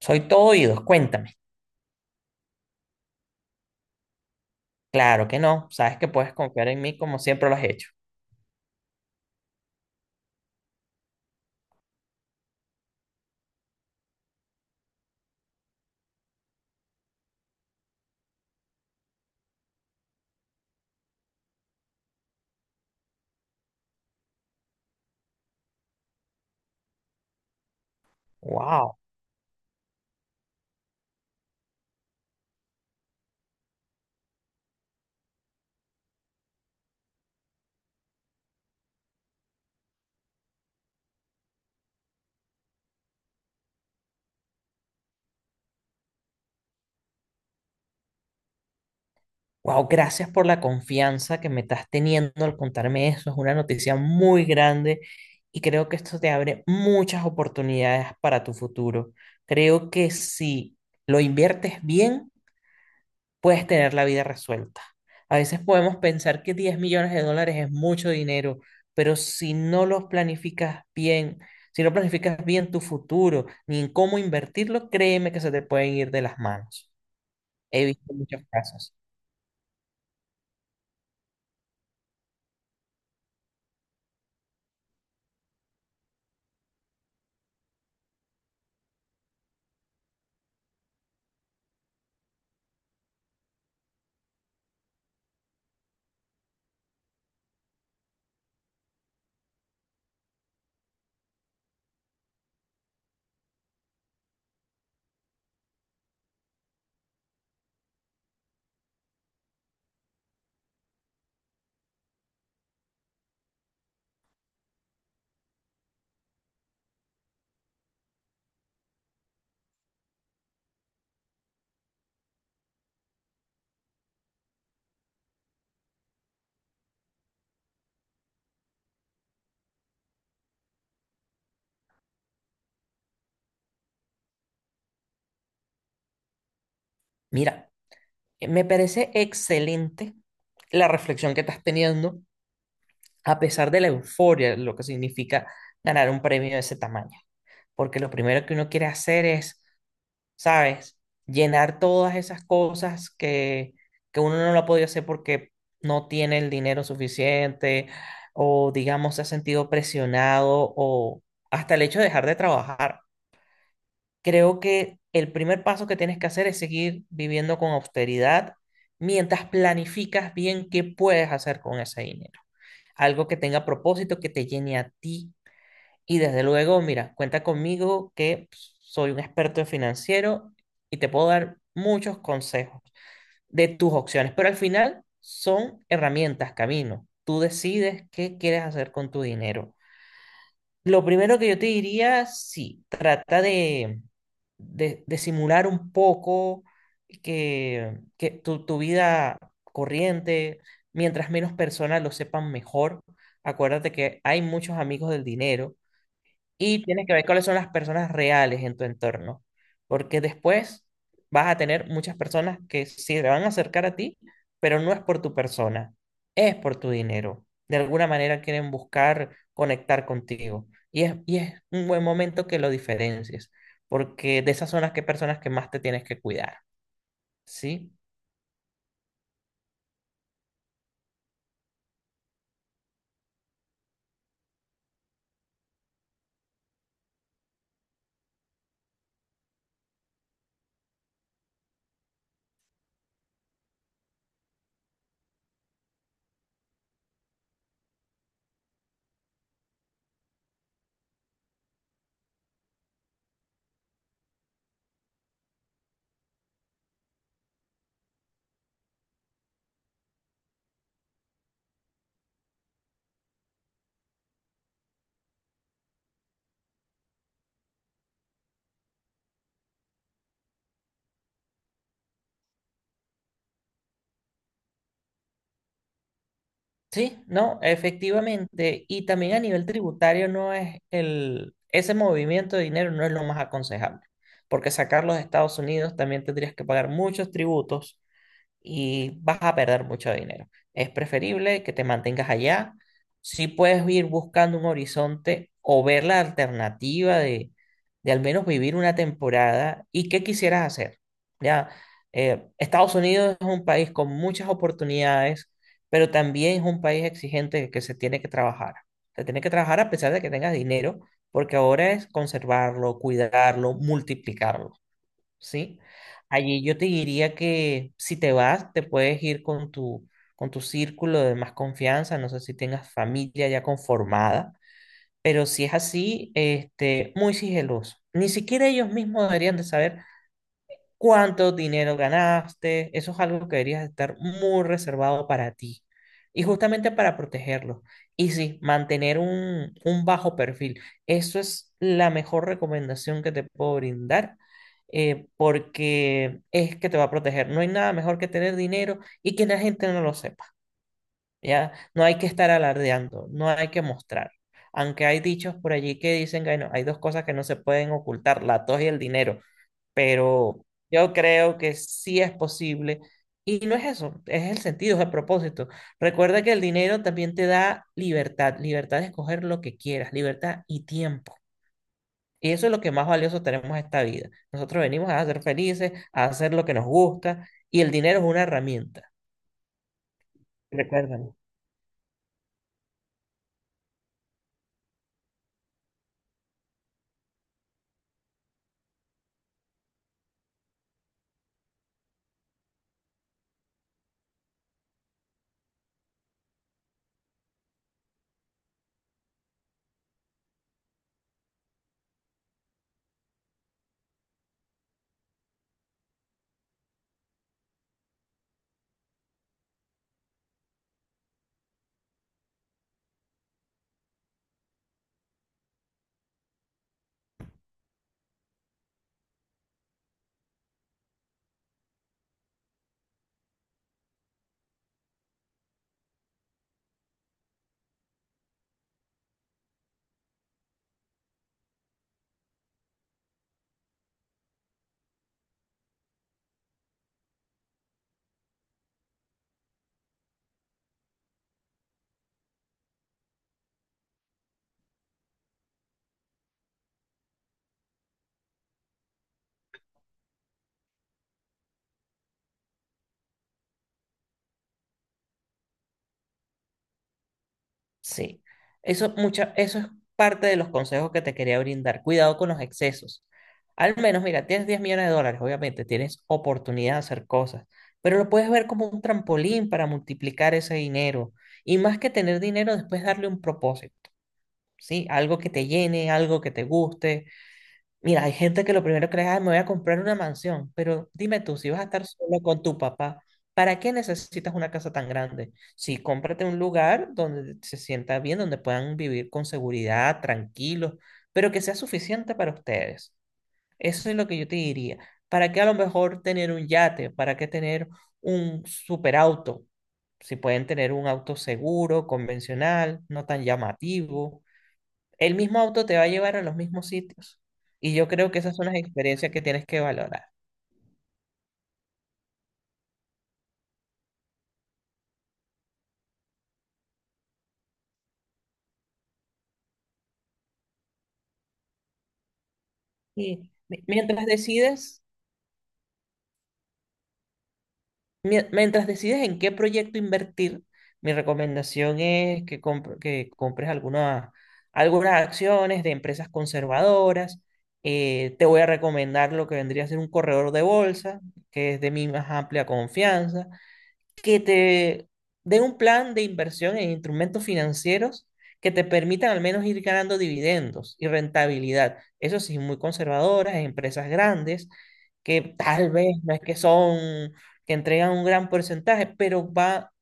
Soy todo oídos, cuéntame. Claro que no, sabes que puedes confiar en mí como siempre lo has hecho. Wow, wow, gracias por la confianza que me estás teniendo al contarme eso. Es una noticia muy grande y creo que esto te abre muchas oportunidades para tu futuro. Creo que si lo inviertes bien, puedes tener la vida resuelta. A veces podemos pensar que 10 millones de dólares es mucho dinero, pero si no los planificas bien, si no planificas bien tu futuro, ni en cómo invertirlo, créeme que se te pueden ir de las manos. He visto muchos casos. Mira, me parece excelente la reflexión que estás teniendo, a pesar de la euforia, lo que significa ganar un premio de ese tamaño. Porque lo primero que uno quiere hacer es, ¿sabes? Llenar todas esas cosas que uno no lo ha podido hacer porque no tiene el dinero suficiente o digamos se ha sentido presionado o hasta el hecho de dejar de trabajar. Creo que el primer paso que tienes que hacer es seguir viviendo con austeridad mientras planificas bien qué puedes hacer con ese dinero. Algo que tenga propósito, que te llene a ti, y desde luego, mira, cuenta conmigo, que pues, soy un experto en financiero y te puedo dar muchos consejos de tus opciones, pero al final son herramientas, camino. Tú decides qué quieres hacer con tu dinero. Lo primero que yo te diría, sí, trata de simular un poco que tu vida corriente, mientras menos personas lo sepan, mejor. Acuérdate que hay muchos amigos del dinero y tienes que ver cuáles son las personas reales en tu entorno, porque después vas a tener muchas personas que sí se van a acercar a ti, pero no es por tu persona, es por tu dinero. De alguna manera quieren buscar conectar contigo, y es un buen momento que lo diferencies, porque de esas son las que personas que más te tienes que cuidar, ¿sí? Sí, no, efectivamente. Y también a nivel tributario no es el, ese movimiento de dinero no es lo más aconsejable, porque sacarlo de Estados Unidos también tendrías que pagar muchos tributos y vas a perder mucho dinero. Es preferible que te mantengas allá. Si puedes ir buscando un horizonte o ver la alternativa de al menos vivir una temporada y qué quisieras hacer. Ya, Estados Unidos es un país con muchas oportunidades, pero también es un país exigente, que se tiene que trabajar. Se tiene que trabajar a pesar de que tengas dinero, porque ahora es conservarlo, cuidarlo, multiplicarlo. ¿Sí? Allí yo te diría que si te vas, te puedes ir con tu círculo de más confianza, no sé si tengas familia ya conformada, pero si es así, este, muy sigiloso. Ni siquiera ellos mismos deberían de saber cuánto dinero ganaste. Eso es algo que deberías estar muy reservado para ti. Y justamente para protegerlo. Y sí, mantener un bajo perfil. Eso es la mejor recomendación que te puedo brindar, porque es que te va a proteger. No hay nada mejor que tener dinero y que la gente no lo sepa. ¿Ya? No hay que estar alardeando, no hay que mostrar. Aunque hay dichos por allí que dicen que, bueno, hay dos cosas que no se pueden ocultar, la tos y el dinero, pero yo creo que sí es posible. Y no es eso, es el sentido, es el propósito. Recuerda que el dinero también te da libertad, libertad de escoger lo que quieras, libertad y tiempo. Y eso es lo que más valioso tenemos en esta vida. Nosotros venimos a ser felices, a hacer lo que nos gusta, y el dinero es una herramienta. Recuerda. Sí, eso, mucha, eso es parte de los consejos que te quería brindar. Cuidado con los excesos. Al menos, mira, tienes 10 millones de dólares, obviamente, tienes oportunidad de hacer cosas, pero lo puedes ver como un trampolín para multiplicar ese dinero. Y más que tener dinero, después darle un propósito, ¿sí? Algo que te llene, algo que te guste. Mira, hay gente que lo primero que le da, me voy a comprar una mansión, pero dime tú, si vas a estar solo con tu papá, ¿para qué necesitas una casa tan grande? Sí, cómprate un lugar donde se sienta bien, donde puedan vivir con seguridad, tranquilos, pero que sea suficiente para ustedes. Eso es lo que yo te diría. ¿Para qué a lo mejor tener un yate? ¿Para qué tener un superauto? Si pueden tener un auto seguro, convencional, no tan llamativo. El mismo auto te va a llevar a los mismos sitios. Y yo creo que esas son las experiencias que tienes que valorar. Y mi- mientras decides, mientras decides en qué proyecto invertir, mi recomendación es que, compr- que compres alguna- algunas acciones de empresas conservadoras. Te voy a recomendar lo que vendría a ser un corredor de bolsa, que es de mi más amplia confianza, que te den un plan de inversión en instrumentos financieros que te permitan al menos ir ganando dividendos y rentabilidad. Eso sí, muy conservadoras, empresas grandes, que tal vez no es que son, que entregan un gran porcentaje, pero va,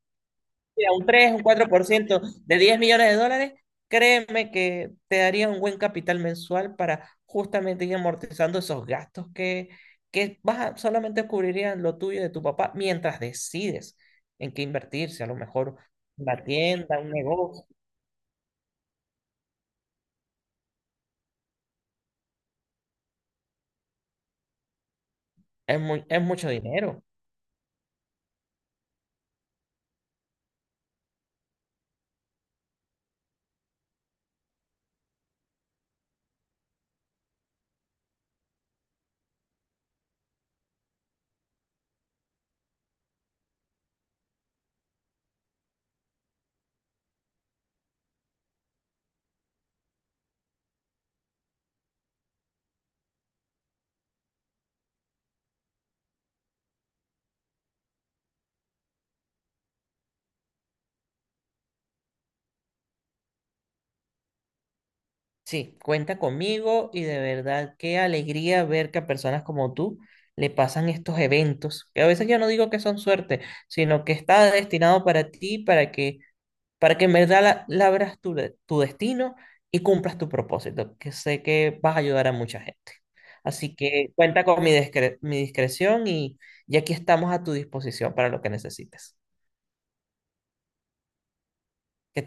mira, un 3, un 4% de 10 millones de dólares, créeme que te daría un buen capital mensual para justamente ir amortizando esos gastos que solamente cubrirían lo tuyo y de tu papá mientras decides en qué invertir, si a lo mejor una tienda, un negocio, es muy, es mucho dinero. Sí, cuenta conmigo y de verdad qué alegría ver que a personas como tú le pasan estos eventos, que a veces yo no digo que son suerte, sino que está destinado para ti, para que en verdad labras tu, tu destino y cumplas tu propósito, que sé que vas a ayudar a mucha gente. Así que cuenta con mi discreción, y aquí estamos a tu disposición para lo que necesites. Que